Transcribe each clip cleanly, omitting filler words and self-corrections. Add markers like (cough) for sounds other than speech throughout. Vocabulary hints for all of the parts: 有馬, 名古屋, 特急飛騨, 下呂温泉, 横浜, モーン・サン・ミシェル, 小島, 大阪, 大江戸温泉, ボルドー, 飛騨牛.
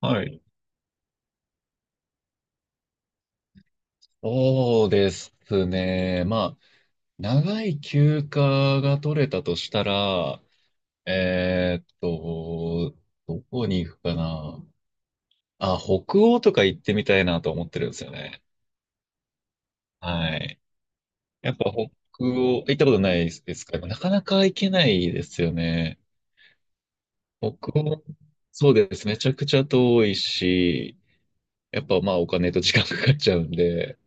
はい。そうですね。まあ、長い休暇が取れたとしたら、えーっと、どこに行くかな。あ、北欧とか行ってみたいなと思ってるんですよね。はい。やっぱ北欧、行ったことないですか？なかなか行けないですよね。北欧、そうですね。めちゃくちゃ遠いし、やっぱまあお金と時間かかっちゃうんで、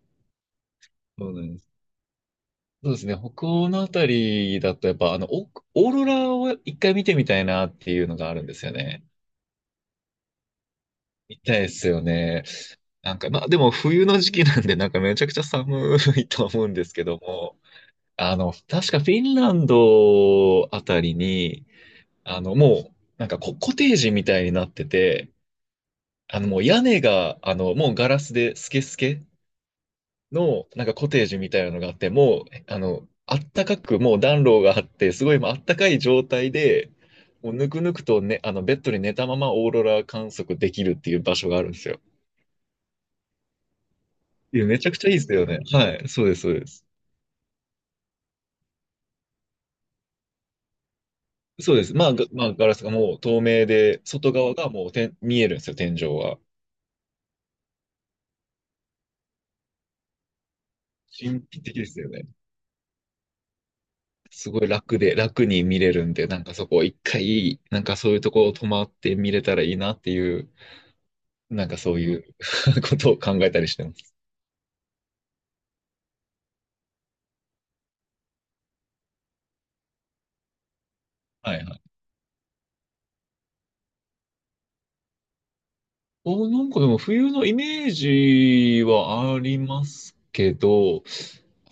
そうなんです。そうですね。北欧のあたりだと、やっぱ、オーロラを一回見てみたいなっていうのがあるんですよね。見たいですよね。なんか、まあ、でも冬の時期なんで、なんかめちゃくちゃ寒いと思うんですけども、確かフィンランドあたりに、もう、なんかコテージみたいになってて、もう屋根が、もうガラスでスケスケの、なんかコテージみたいなのがあって、もう、あったかく、もう暖炉があって、すごいもうあったかい状態で、もうぬくぬくとね、ベッドに寝たままオーロラ観測できるっていう場所があるんですよ。いや、めちゃくちゃいいですよね。はい、そうです、そうです。そうです。まあ、まあ、ガラスがもう透明で、外側がもうてん見えるんですよ、天井は。神秘的ですよね。すごい楽で、楽に見れるんで、なんかそこ一回、なんかそういうとこ泊まって見れたらいいなっていう、なんかそういう (laughs) ことを考えたりしてます。はいはい。お、なんかでも冬のイメージはありますけど、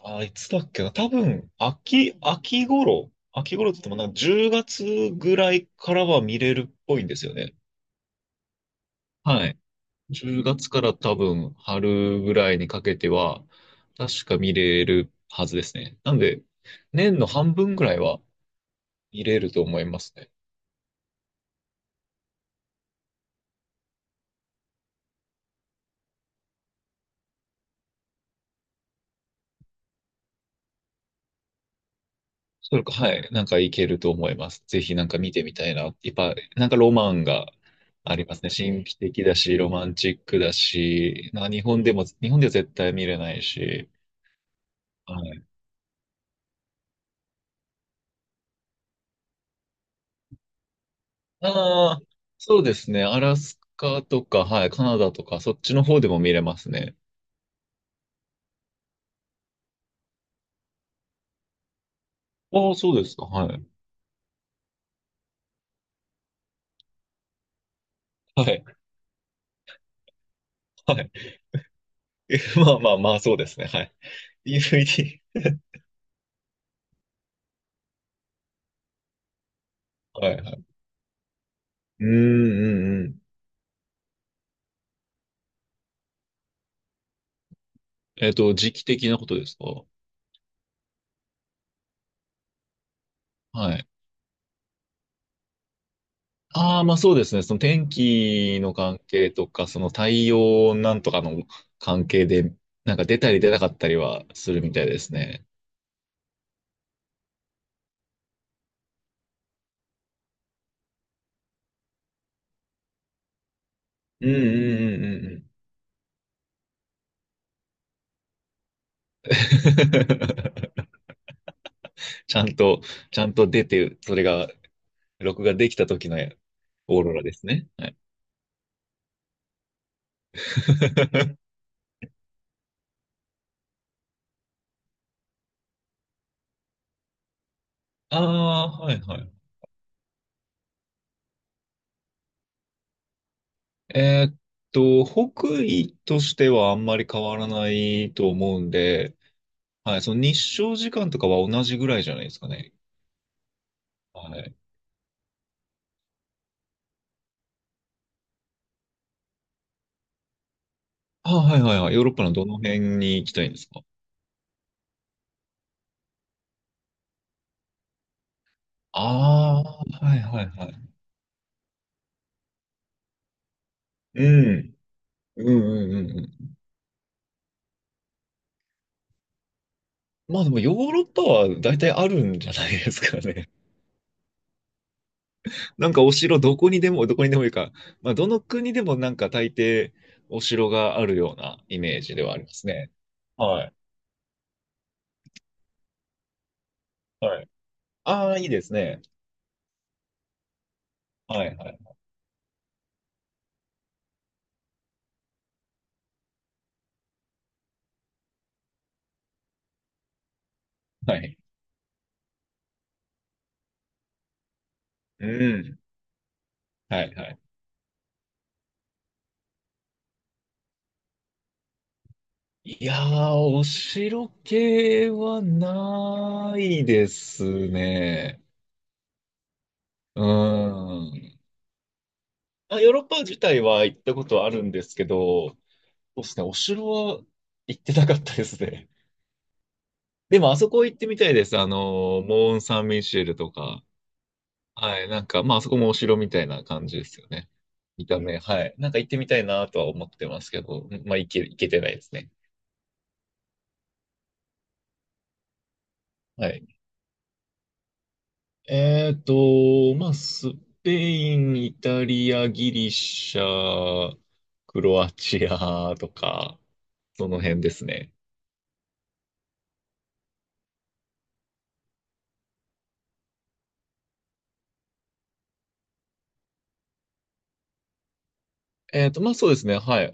あ、いつだっけな。多分、秋頃って言ってもなんか10月ぐらいからは見れるっぽいんですよね。はい。10月から多分春ぐらいにかけては、確か見れるはずですね。なんで、年の半分ぐらいは見れると思いますね。それか、はい。なんかいけると思います。ぜひなんか見てみたいな。やっぱ、なんかロマンがありますね。神秘的だし、ロマンチックだし、な日本でも、日本では絶対見れないし。はい。ああ、そうですね。アラスカとか、はい。カナダとか、そっちの方でも見れますね。ああ、そうですか。はい。はい。はい。(laughs) まあまあまあ、そうですね。はい。(laughs) DVD。はいはい。うんうんうん。時期的なことですか？はい。ああ、まあそうですね。その天気の関係とか、その太陽なんとかの関係で、なんか出たり出なかったりはするみたいですね。うんうんうんうんうん。(laughs) ちゃんと、ちゃんと出て、それが、録画できた時のオーロラですね。はい。(laughs) ああ、はいはい。えーっ北緯としてはあんまり変わらないと思うんで、はい、その日照時間とかは同じぐらいじゃないですかね。はい。あ、はいはいはい。ヨーロッパのどの辺に行きたいんですか？ああ、はいはいはい。うん。うんうんうんうん。まあでもヨーロッパは大体あるんじゃないですかね。(laughs) なんかお城どこにでも、どこにでもいいか。まあどの国でもなんか大抵お城があるようなイメージではありますね。はい。はい。ああ、いいですね。はいはい。はい。うん。はいはい。いやー、お城系はないですね。うーん。あ、ヨーロッパ自体は行ったことはあるんですけど、そうですね、お城は行ってなかったですね。(laughs) でも、あそこ行ってみたいです。モーン・サン・ミシェルとか。はい、なんか、まあ、あそこもお城みたいな感じですよね。見た目、はい。なんか行ってみたいなとは思ってますけど、まあ、行けてないですね。はい。まあ、スペイン、イタリア、ギリシャ、クロアチアとか、その辺ですね。まあそうですね。はい。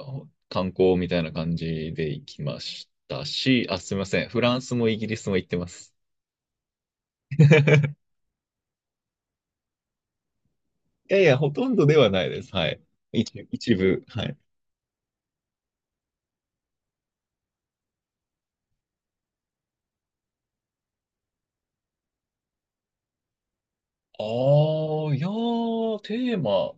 観光みたいな感じで行きましたし、あ、すみません。フランスもイギリスも行ってます。(laughs) いやいや、ほとんどではないです。はい。一部。はい。ああ、いやー、テーマ。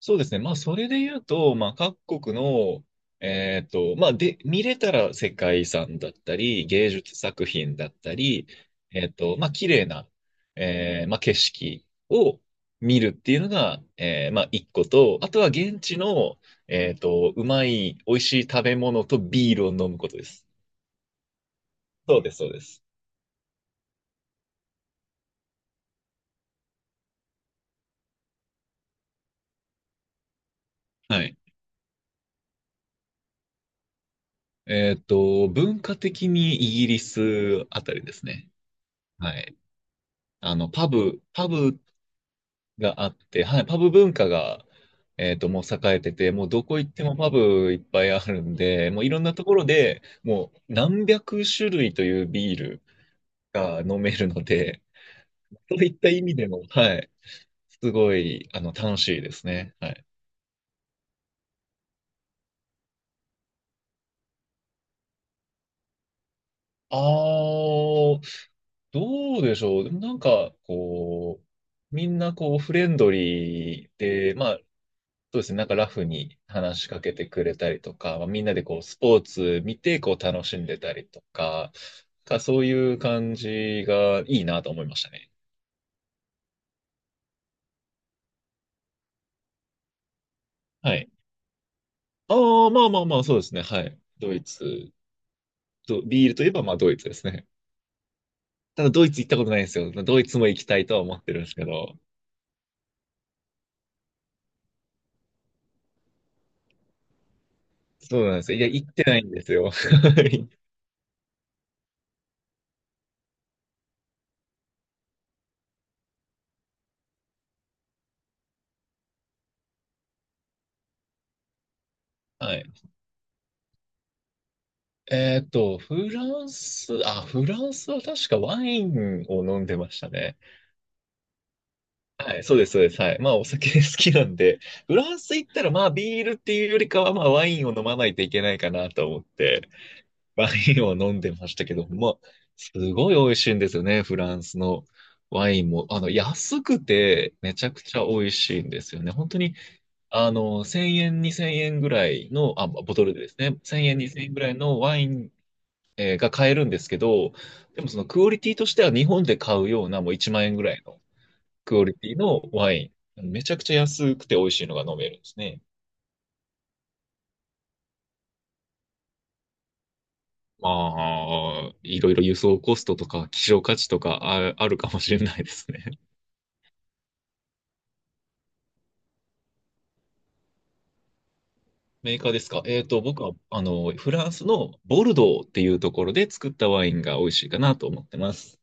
そうですね。まあ、それで言うと、まあ、各国の、まあ、で、見れたら世界遺産だったり、芸術作品だったり、まあ、綺麗な、まあ、景色を見るっていうのが、まあ、一個と、あとは現地の、うまい、美味しい食べ物とビールを飲むことです。そうです、そうです。はい。文化的にイギリスあたりですね。はい。パブがあって、はい、パブ文化が、もう栄えてて、もうどこ行ってもパブいっぱいあるんで、もういろんなところでもう何百種類というビールが飲めるので、そういった意味でも、はい、すごい、楽しいですね。はい。あー、どうでしょう。でもなんか、こう、みんなこう、フレンドリーで、まあ、そうですね。なんかラフに話しかけてくれたりとか、まあ、みんなでこうスポーツ見てこう楽しんでたりとか、そういう感じがいいなと思いましたね。はい。ああ、まあまあまあ、そうですね。はい。ドイツ、ビールといえばまあドイツですね。ただドイツ行ったことないんですよ。ドイツも行きたいとは思ってるんですけど。そうなんですよ。いや、行ってないんですよ。(laughs) はい。フランス、あ、フランスは確かワインを飲んでましたね。はい、そうです、そうです。はい。まあ、お酒 (laughs) 好きなんで、フランス行ったら、まあ、ビールっていうよりかは、まあ、ワインを飲まないといけないかなと思って、ワインを飲んでましたけど、まあ、すごい美味しいんですよね、フランスのワインも。安くて、めちゃくちゃ美味しいんですよね。本当に、1000円、2000円ぐらいの、あ、ボトルでですね、1000円、2000円ぐらいのワイン、が買えるんですけど、でもそのクオリティとしては日本で買うようなもう1万円ぐらいのクオリティのワイン。めちゃくちゃ安くて美味しいのが飲めるんですね。まあ、いろいろ輸送コストとか希少価値とかあるかもしれないですね。(laughs) メーカーですか？僕は、フランスのボルドーっていうところで作ったワインが美味しいかなと思ってます。